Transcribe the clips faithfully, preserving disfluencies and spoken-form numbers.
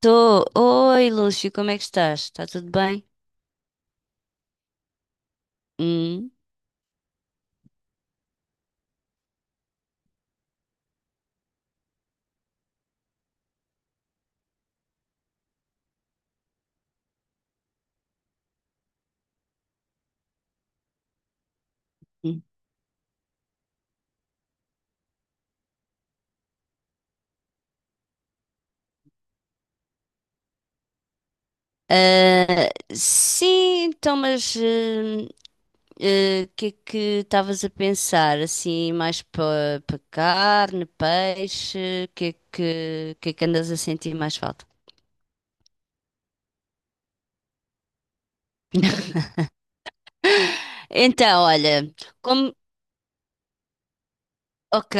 Tô. Oi, Lúcio, como é que estás? Está tudo bem? Hum. Hum. Ah, sim, então, mas hum, ah, o que é que estavas a pensar? Assim, mais para carne, peixe, o que é que, o que é que andas a sentir mais falta? Então, olha, como, ok,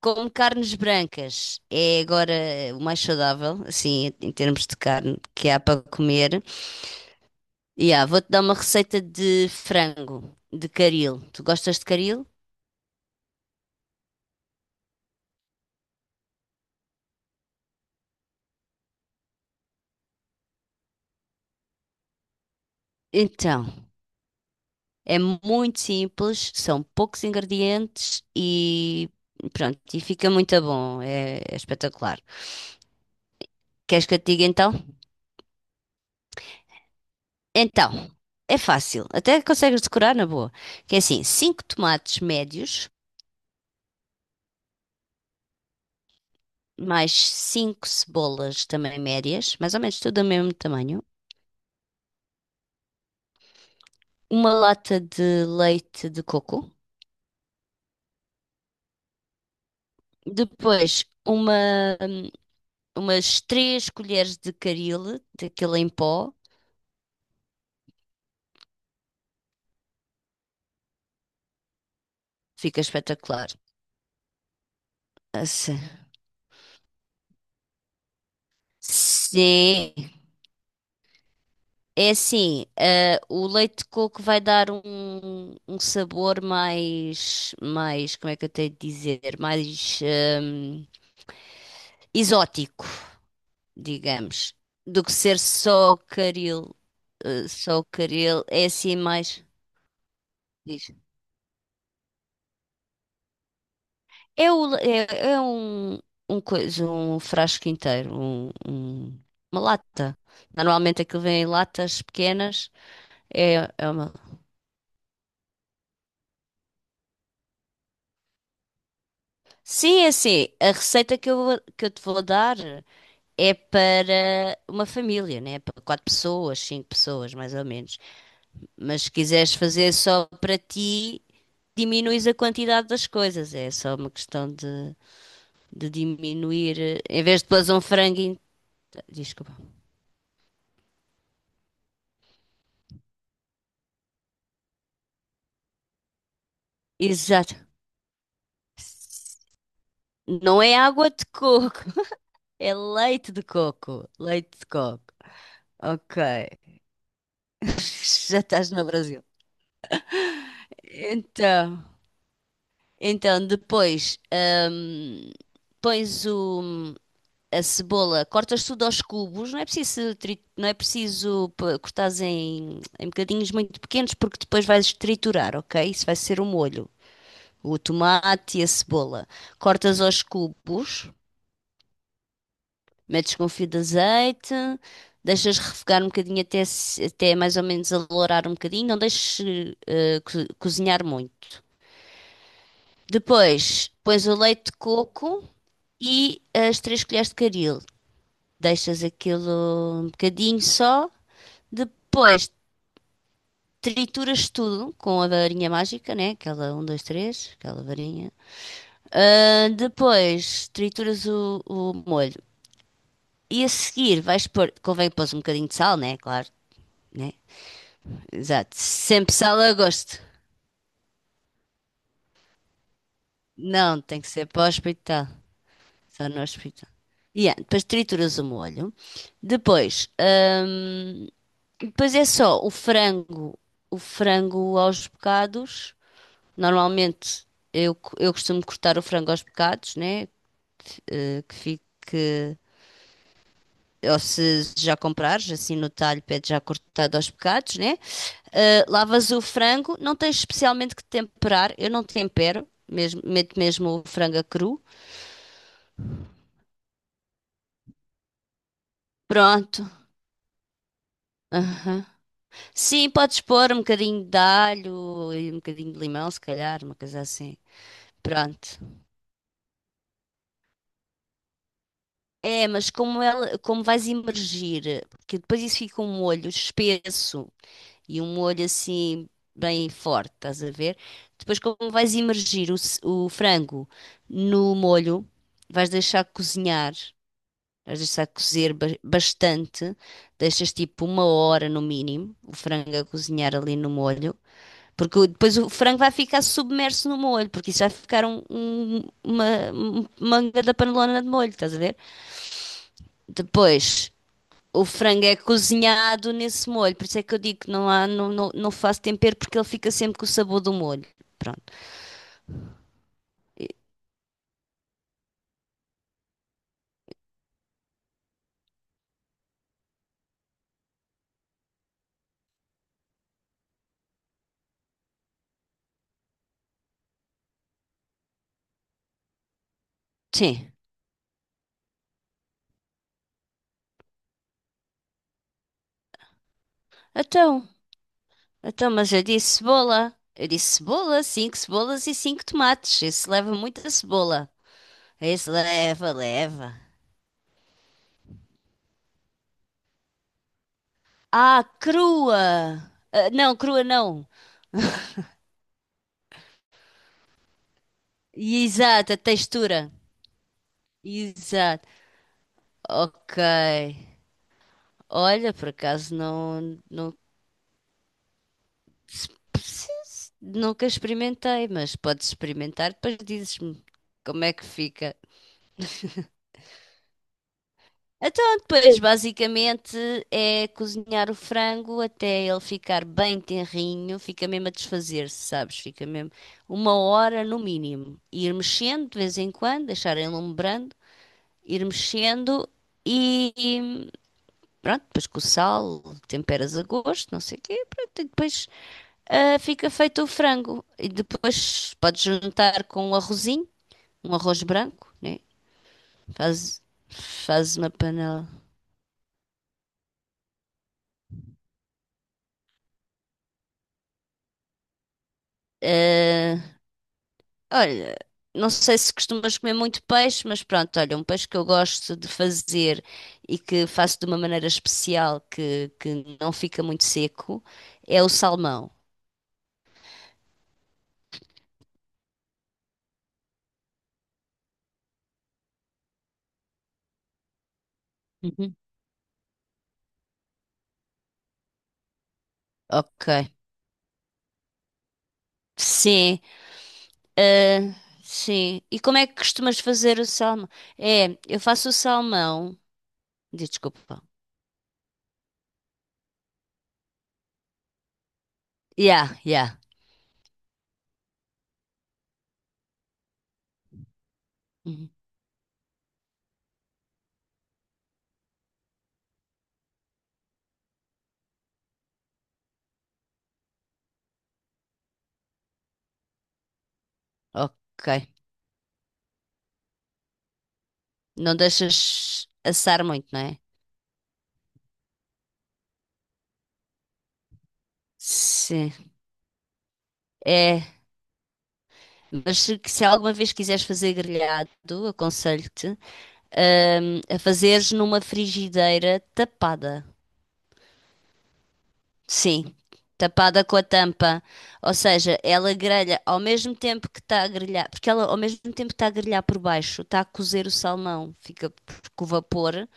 como carnes brancas é agora o mais saudável, assim, em termos de carne que há para comer. Yeah, vou-te dar uma receita de frango, de caril. Tu gostas de caril? Então, é muito simples, são poucos ingredientes e pronto, e fica muito bom, é, é espetacular. Queres que eu te diga então? Então, é fácil, até consegues decorar na boa. Que é assim, cinco tomates médios, mais cinco cebolas também médias, mais ou menos tudo do mesmo tamanho, uma lata de leite de coco, depois uma umas três colheres de caril, daquele em pó, fica espetacular. Assim. Sim, é assim, eh, o leite de coco vai dar um, um sabor mais, mais, como é que eu tenho de dizer, mais ehm, exótico, digamos, do que ser só caril, eh, só caril, é assim mais... É, o- é- é um, um, coisa, um frasco inteiro, um- um- uma lata. Normalmente aquilo vem em latas pequenas. É, é uma... Sim, é assim. A receita que eu, que eu te vou dar é para uma família, né? Para quatro pessoas, cinco pessoas, mais ou menos. Mas se quiseres fazer só para ti, diminuis a quantidade das coisas. É só uma questão de, de diminuir. eh, Em vez de pôr um frango. in- Desculpa. Exato. Não é água de coco, é leite de coco. Leite de coco. Ok. Já estás no Brasil. Então, então depois hum, pões o, a cebola, cortas tudo aos cubos, não é preciso, tri- não é preciso p- cortares em, em bocadinhos muito pequenos porque depois vais triturar, ok? Isso vai ser o molho. O tomate e a cebola. Cortas aos cubos. Metes com o fio de azeite, deixas refogar um bocadinho até, se- até mais ou menos alourar um bocadinho, não deixes eh, co- cozinhar muito. Depois pões o leite de coco e as três colheres de caril. Deixas aquilo um bocadinho só. Depois trituras tudo com a varinha mágica, né? Aquela um dois três, aquela varinha. Ah, depois trituras o, o molho. E a seguir vais pôr, convém pôr um bocadinho de sal, né? Claro. Né? Exato. Sempre sala a gosto. Não, tem que ser para o hospital. Só no hospital. E ah, depois trituras o molho. Depois, hum, depois é só o frango, o frango aos bocados. Normalmente eu, co- eu costumo cortar o frango aos bocados, né? Eh, que fique, ou se já comprares, assim no talho, pede já cortado aos bocados, né? Uh, lavas o frango, não tens especialmente que temperar. Eu não tempero, mesmo, meto mesmo o frango a cru. Pronto. Aham. Sim, podes pôr um bocadinho de alho e um bocadinho de limão, se calhar, uma coisa assim. Pronto. É, mas como ela, como vais imergir, porque depois isso fica um molho espesso e um molho assim bem forte, estás a ver? Depois como vais imergir o, s- o frango no molho, vais deixar cozinhar. Mas deixa cozer ba- bastante, deixas tipo uma hora no mínimo o frango a cozinhar ali no molho, porque o- depois o frango vai ficar submerso no molho, porque isso vai ficar um, um- uma um- manga da panelona de molho, estás a ver? Depois o frango é cozinhado nesse molho, por isso é que eu digo que não há, não, não, não faço tempero porque ele fica sempre com o sabor do molho. Pronto. Sim. Então, então, mas eu disse cebola. Eu disse cebola, cinco cebolas e cinco tomates. Isso leva muita cebola. Isso leva, leva. Ah, crua! Ah, não, crua não. Exato, a textura. Exato. Ok. Olha, por acaso não, não, nunca experimentei, mas podes experimentar, depois dizes-me como é que fica. Então, depois, basicamente, é cozinhar o frango até ele ficar bem tenrinho, fica mesmo a desfazer-se, sabes? Fica mesmo uma hora no mínimo. Ir mexendo de vez em quando, deixar ele enlumbrando, ir mexendo e, e pronto, depois com o sal, temperas a gosto, não sei o quê, pronto, e depois ah, fica feito o frango. E depois podes juntar com um arrozinho, um arroz branco, né? Faz, faz uma panela. ah, Olha, não sei se costumas comer muito peixe, mas pronto, olha, um peixe que eu gosto de fazer e que faço de uma maneira especial que, que não fica muito seco é o salmão. Uhum. Ok. Sim, ah, sim. E como é que costumas fazer o salmão? É, eu faço o salmão. de- Desculpa. Yeah, yeah. Uhum. Ok. Não deixas assar muito, não é? Sim. É. Mas se, se alguma vez quiseres fazer grelhado, aconselho-te, hum, a fazeres numa frigideira tapada. Sim, tapada com a tampa. Ou seja, ela grelha ao mesmo tempo que está a grelhar, porque ela ao mesmo tempo que está a grelhar por baixo, está a cozer o salmão, fica com o vapor,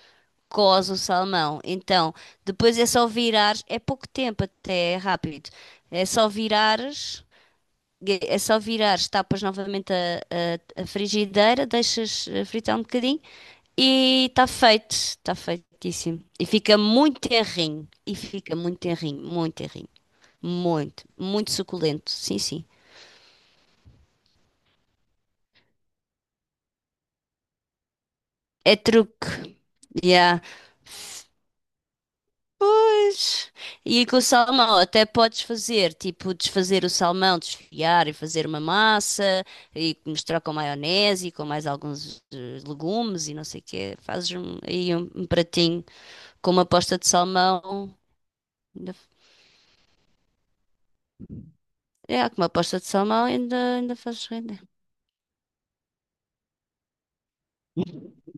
coze o salmão. Então, depois é só virar, é pouco tempo até, é rápido. É só virares que É só virares, tapas novamente a, a- a frigideira, deixas eh, fritar um bocadinho e está feito. Está feitíssimo. E fica muito terrinho. E fica muito terrinho, muito terrinho. Muito, muito suculento. Sim, sim. É truque. Yeah. Pois. E com o salmão, até podes fazer, tipo, desfazer o salmão, desfiar e fazer uma massa e misturar com maionese e com mais alguns eh, legumes e não sei o quê. Fazes um- aí um, um pratinho com uma posta de salmão. Ainda, é, com uma posta de salmão ainda, ainda fazes render.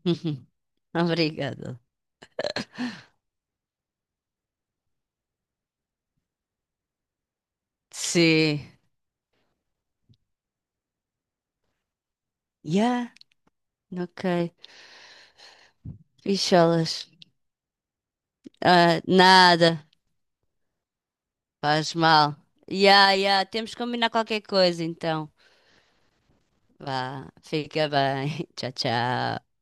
Obrigada. Sim. Yeah. Ok. Bicholas. Ah, nada. Faz mal. Yeah, yeah. Temos que combinar qualquer coisa, então. Vá, fica bem. Tchau, tchau.